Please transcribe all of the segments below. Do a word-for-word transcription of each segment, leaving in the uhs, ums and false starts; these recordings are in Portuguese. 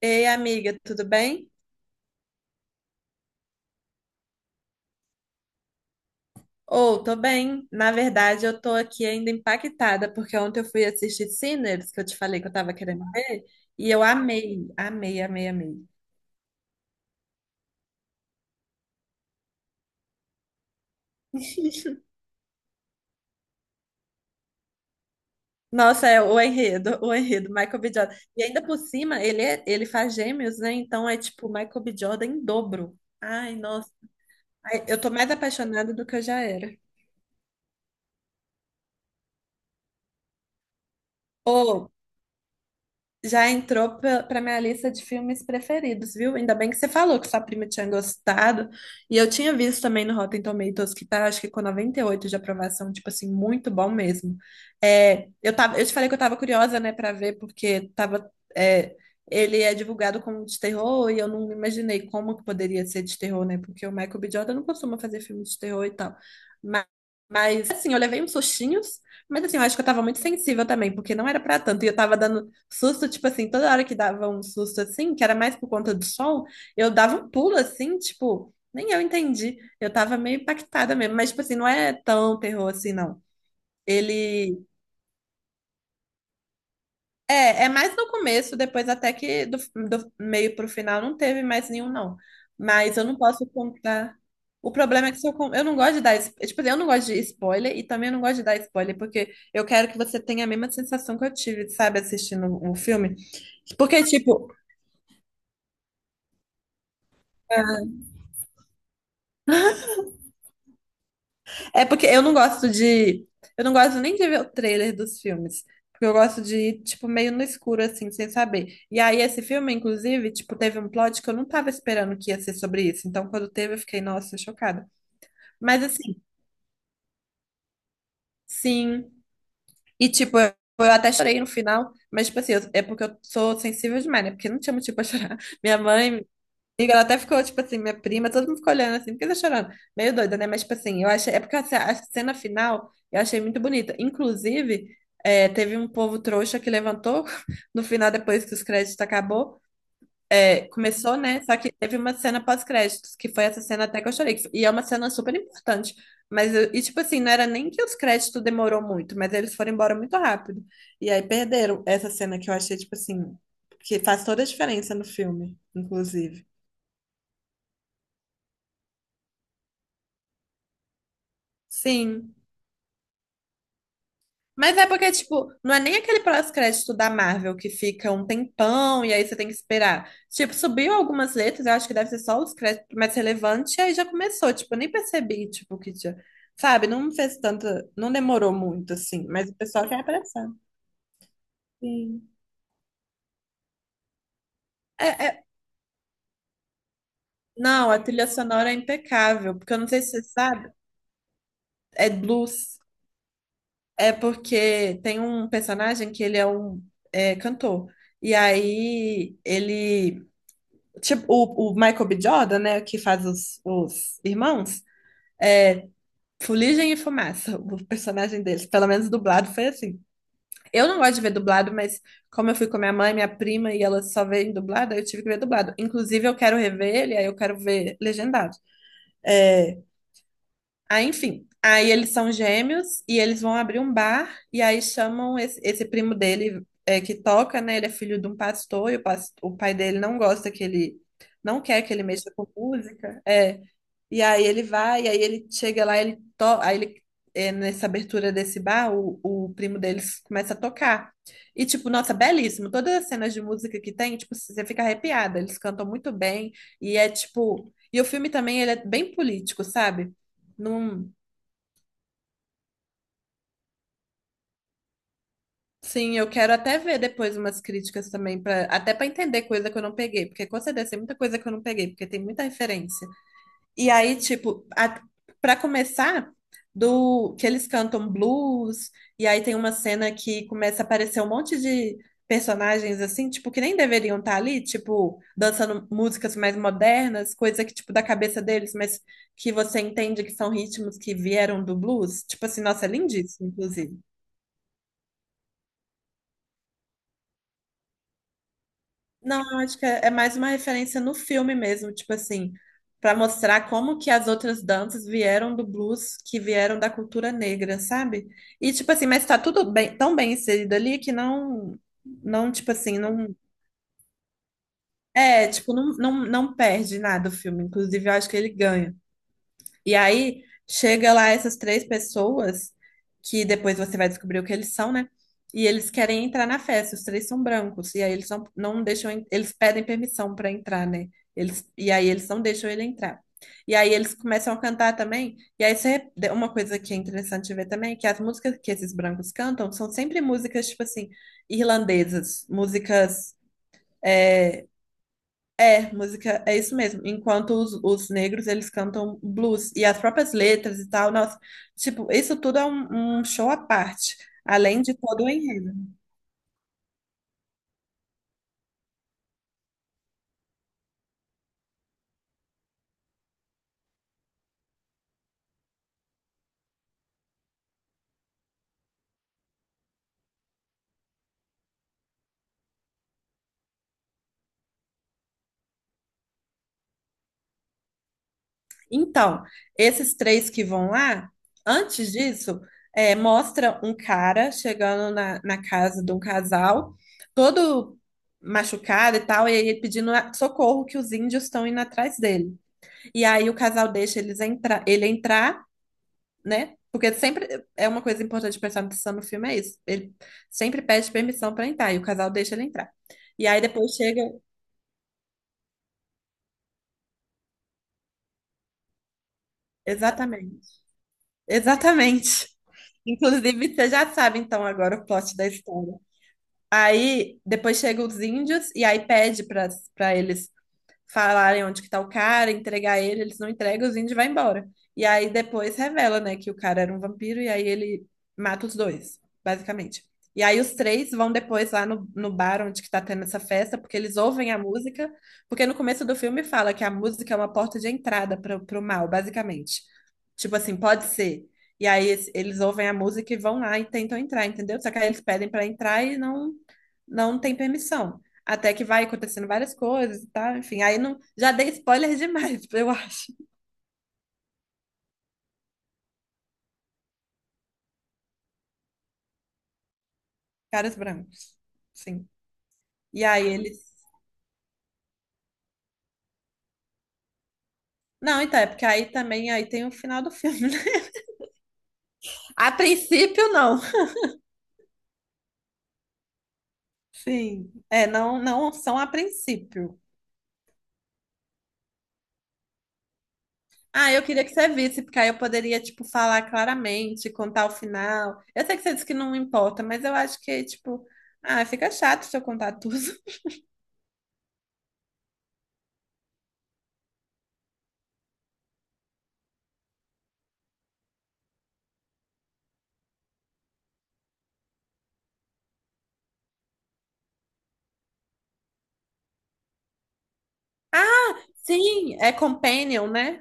Ei, amiga, tudo bem? Ou, tô bem. Na verdade, eu tô aqui ainda impactada, porque ontem eu fui assistir Sinners, que eu te falei que eu tava querendo ver, e eu amei, amei, amei, amei. Nossa, é o enredo, o enredo, Michael B. Jordan. E ainda por cima, ele, é- ele faz gêmeos, né? Então é tipo Michael B. Jordan em dobro. Ai, nossa. Ai, eu tô mais apaixonada do que eu já era. Ô, já entrou para minha lista de filmes preferidos, viu? Ainda bem que você falou que sua prima tinha gostado. E eu tinha visto também no Rotten Tomatoes que tá, acho que com noventa e oito de aprovação, tipo assim, muito bom mesmo. É, eu tava, eu te falei que eu tava curiosa, né, para ver, porque tava, é, ele é divulgado como de terror e eu não imaginei como que poderia ser de terror, né? Porque o Michael B. Jordan não costuma fazer filme de terror e tal. Mas, mas assim, eu levei uns sustinhos. Mas assim, eu acho que eu tava muito sensível também, porque não era pra tanto. E eu tava dando susto, tipo assim, toda hora que dava um susto assim, que era mais por conta do sol, eu dava um pulo assim, tipo, nem eu entendi. Eu tava meio impactada mesmo, mas tipo assim, não é tão terror assim, não. Ele é, é mais no começo, depois até que do, do meio pro final não teve mais nenhum, não. Mas eu não posso contar. O problema é que se eu, con- eu não gosto de dar, es- tipo, assim, eu não gosto de spoiler e também eu não gosto de dar spoiler, porque eu quero que você tenha a mesma sensação que eu tive, sabe, assistindo o filme. Porque, tipo, é porque eu não gosto de. Eu não gosto nem de ver o trailer dos filmes. Porque eu gosto de ir, tipo, meio no escuro, assim, sem saber. E aí, esse filme, inclusive, tipo, teve um plot que eu não tava esperando que ia ser sobre isso. Então, quando teve, eu fiquei, nossa, chocada. Mas, assim, sim. E, tipo, eu, eu até chorei no final. Mas, tipo, assim, eu- é porque eu sou sensível demais, né? Porque não tinha motivo pra chorar. Minha mãe amiga, ela até ficou, tipo assim, minha prima, todo mundo ficou olhando assim, porque tá chorando. Meio doida, né? Mas, tipo assim, eu achei. É porque assim, a cena final eu achei muito bonita. Inclusive, é, teve um povo trouxa que levantou no final, depois que os créditos acabou. É, começou, né? Só que teve uma cena pós-créditos, que foi essa cena até que eu chorei. que- E é uma cena super importante. Mas, eu- e tipo assim, não era nem que os créditos demorou muito, mas eles foram embora muito rápido. E aí perderam essa cena que eu achei, tipo assim, que faz toda a diferença no filme, inclusive. Sim. Mas é porque, tipo, não é nem aquele pós-crédito da Marvel que fica um tempão e aí você tem que esperar. Tipo, subiu algumas letras, eu acho que deve ser só os créditos mais relevantes, e aí já começou. Tipo, eu nem percebi, tipo, que tinha. Sabe, não fez tanta. Não demorou muito, assim, mas o pessoal quer apressar. Sim. É, é- Não, a trilha sonora é impecável, porque eu não sei se você sabe, é blues. É porque tem um personagem que ele é um, é, cantor. E aí ele, tipo, o, o Michael B. Jordan, né, que faz os, os irmãos, Fuligem e Fumaça, o personagem deles, pelo menos dublado foi assim. Eu não gosto de ver dublado, mas como eu fui com minha mãe, minha prima e elas só veem dublado, aí eu tive que ver dublado. Inclusive, eu quero rever ele, aí eu quero ver legendado. É, aí, enfim, aí eles são gêmeos e eles vão abrir um bar e aí chamam esse, esse primo dele, é, que toca, né? Ele é filho de um pastor e o, pas- o pai dele não gosta que ele, não quer que ele mexa com música. É. E aí ele vai, e aí ele chega lá, ele to, aí ele, é, nessa abertura desse bar, o, o primo deles começa a tocar. E tipo, nossa, belíssimo. Todas as cenas de música que tem, tipo, você fica arrepiada. Eles cantam muito bem e é tipo, e o filme também ele é bem político, sabe? Não, sim, eu quero até ver depois umas críticas também para até para entender coisa que eu não peguei, porque com certeza tem muita coisa que eu não peguei, porque tem muita referência. E aí, tipo, a, para começar do que eles cantam blues, e aí tem uma cena que começa a aparecer um monte de personagens assim, tipo, que nem deveriam estar ali, tipo, dançando músicas mais modernas, coisa que tipo da cabeça deles, mas que você entende que são ritmos que vieram do blues. Tipo assim, nossa, é lindíssimo, inclusive. Não, acho que é é mais uma referência no filme mesmo, tipo assim, para mostrar como que as outras danças vieram do blues, que vieram da cultura negra, sabe? E tipo assim, mas tá tudo bem, tão bem inserido ali que não, não, tipo assim, não, é, tipo, não, não, não perde nada o filme, inclusive eu acho que ele ganha. E aí chega lá essas três pessoas que depois você vai descobrir o que eles são, né? E eles querem entrar na festa, os três são brancos, e aí eles não, não deixam, en- eles pedem permissão para entrar, né? Eles, e aí eles não deixam ele entrar. E aí eles começam a cantar também, e aí você, uma coisa que é interessante ver também é que as músicas que esses brancos cantam são sempre músicas, tipo assim, irlandesas, músicas, é, é, música, é isso mesmo. Enquanto os, os negros, eles cantam blues. E as próprias letras e tal, nossa. Tipo, isso tudo é um, um show à parte, além de todo o enredo. Então, esses três que vão lá, antes disso, é, mostra um cara chegando na, na casa de um casal, todo machucado e tal, e aí ele pedindo socorro que os índios estão indo atrás dele. E aí o casal deixa eles entra ele entrar, né? Porque sempre é uma coisa importante de prestar atenção no filme, é isso. Ele sempre pede permissão para entrar e o casal deixa ele entrar. E aí depois chega. Exatamente. Exatamente. Inclusive, você já sabe então agora o plot da história. Aí depois chegam os índios e aí pede para para eles falarem onde que tá o cara, entregar ele, eles não entregam, os índios vai embora. E aí depois revela, né, que o cara era um vampiro e aí ele mata os dois, basicamente. E aí os três vão depois lá no, no bar onde que tá tendo essa festa, porque eles ouvem a música, porque no começo do filme fala que a música é uma porta de entrada para pro mal, basicamente. Tipo assim, pode ser. E aí es- eles ouvem a música e vão lá e tentam entrar, entendeu? Só que aí eles pedem para entrar e não não tem permissão. Até que vai acontecendo várias coisas e tal, enfim. Aí não, já dei spoiler demais, eu acho. Caras brancos. Sim. E aí eles. Não, então, é porque aí também aí tem o final do filme, né? A princípio, não. Sim. É, não, não são a princípio. Ah, eu queria que você visse, porque aí eu poderia, tipo, falar claramente, contar o final. Eu sei que você disse que não importa, mas eu acho que, tipo, ah, fica chato se eu contar tudo. Sim, é Companion, né?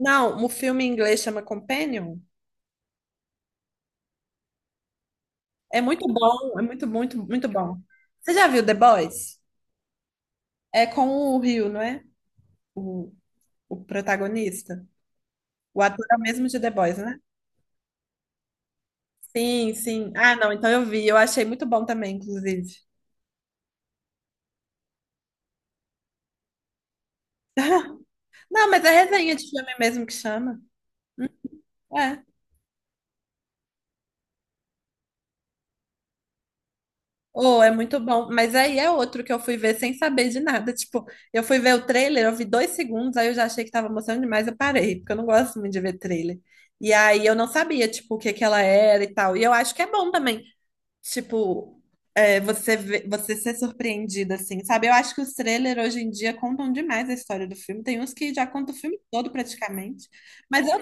Não, o filme em inglês chama Companion. É muito bom, é muito, muito, muito bom. Você já viu The Boys? É com o Rio, não é? O, o protagonista. O ator é o mesmo de The Boys, né? Sim, sim. Ah, não, então eu vi. Eu achei muito bom também, inclusive. Não, mas é resenha de filme mesmo que chama. É. Oh, é muito bom. Mas aí é outro que eu fui ver sem saber de nada. Tipo, eu fui ver o trailer, eu vi dois segundos, aí eu já achei que tava mostrando demais, eu parei, porque eu não gosto muito de ver trailer. E aí eu não sabia, tipo, o que que ela era e tal. E eu acho que é bom também. Tipo, é, você vê- você ser surpreendida, assim, sabe? Eu acho que os trailers hoje em dia contam demais a história do filme. Tem uns que já contam o filme todo, praticamente. Mas eu,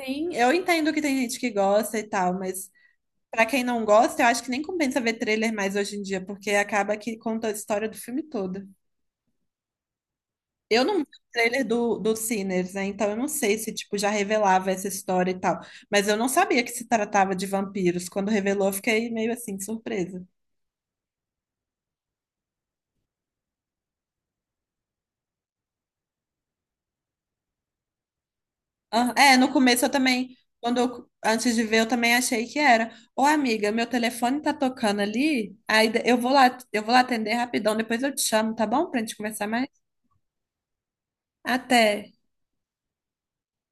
sim, eu entendo que tem gente que gosta e tal, mas pra quem não gosta, eu acho que nem compensa ver trailer mais hoje em dia, porque acaba que conta a história do filme todo. Eu não vi o trailer do, do Sinners, né? Então eu não sei se, tipo, já revelava essa história e tal. Mas eu não sabia que se tratava de vampiros. Quando revelou, eu fiquei meio assim, surpresa. Ah, é, no começo eu também, quando eu, antes de ver, eu também achei que era. Ô, amiga, meu telefone tá tocando ali. Aí de- eu vou lá, eu vou lá atender rapidão, depois eu te chamo, tá bom? Pra gente conversar mais. Até.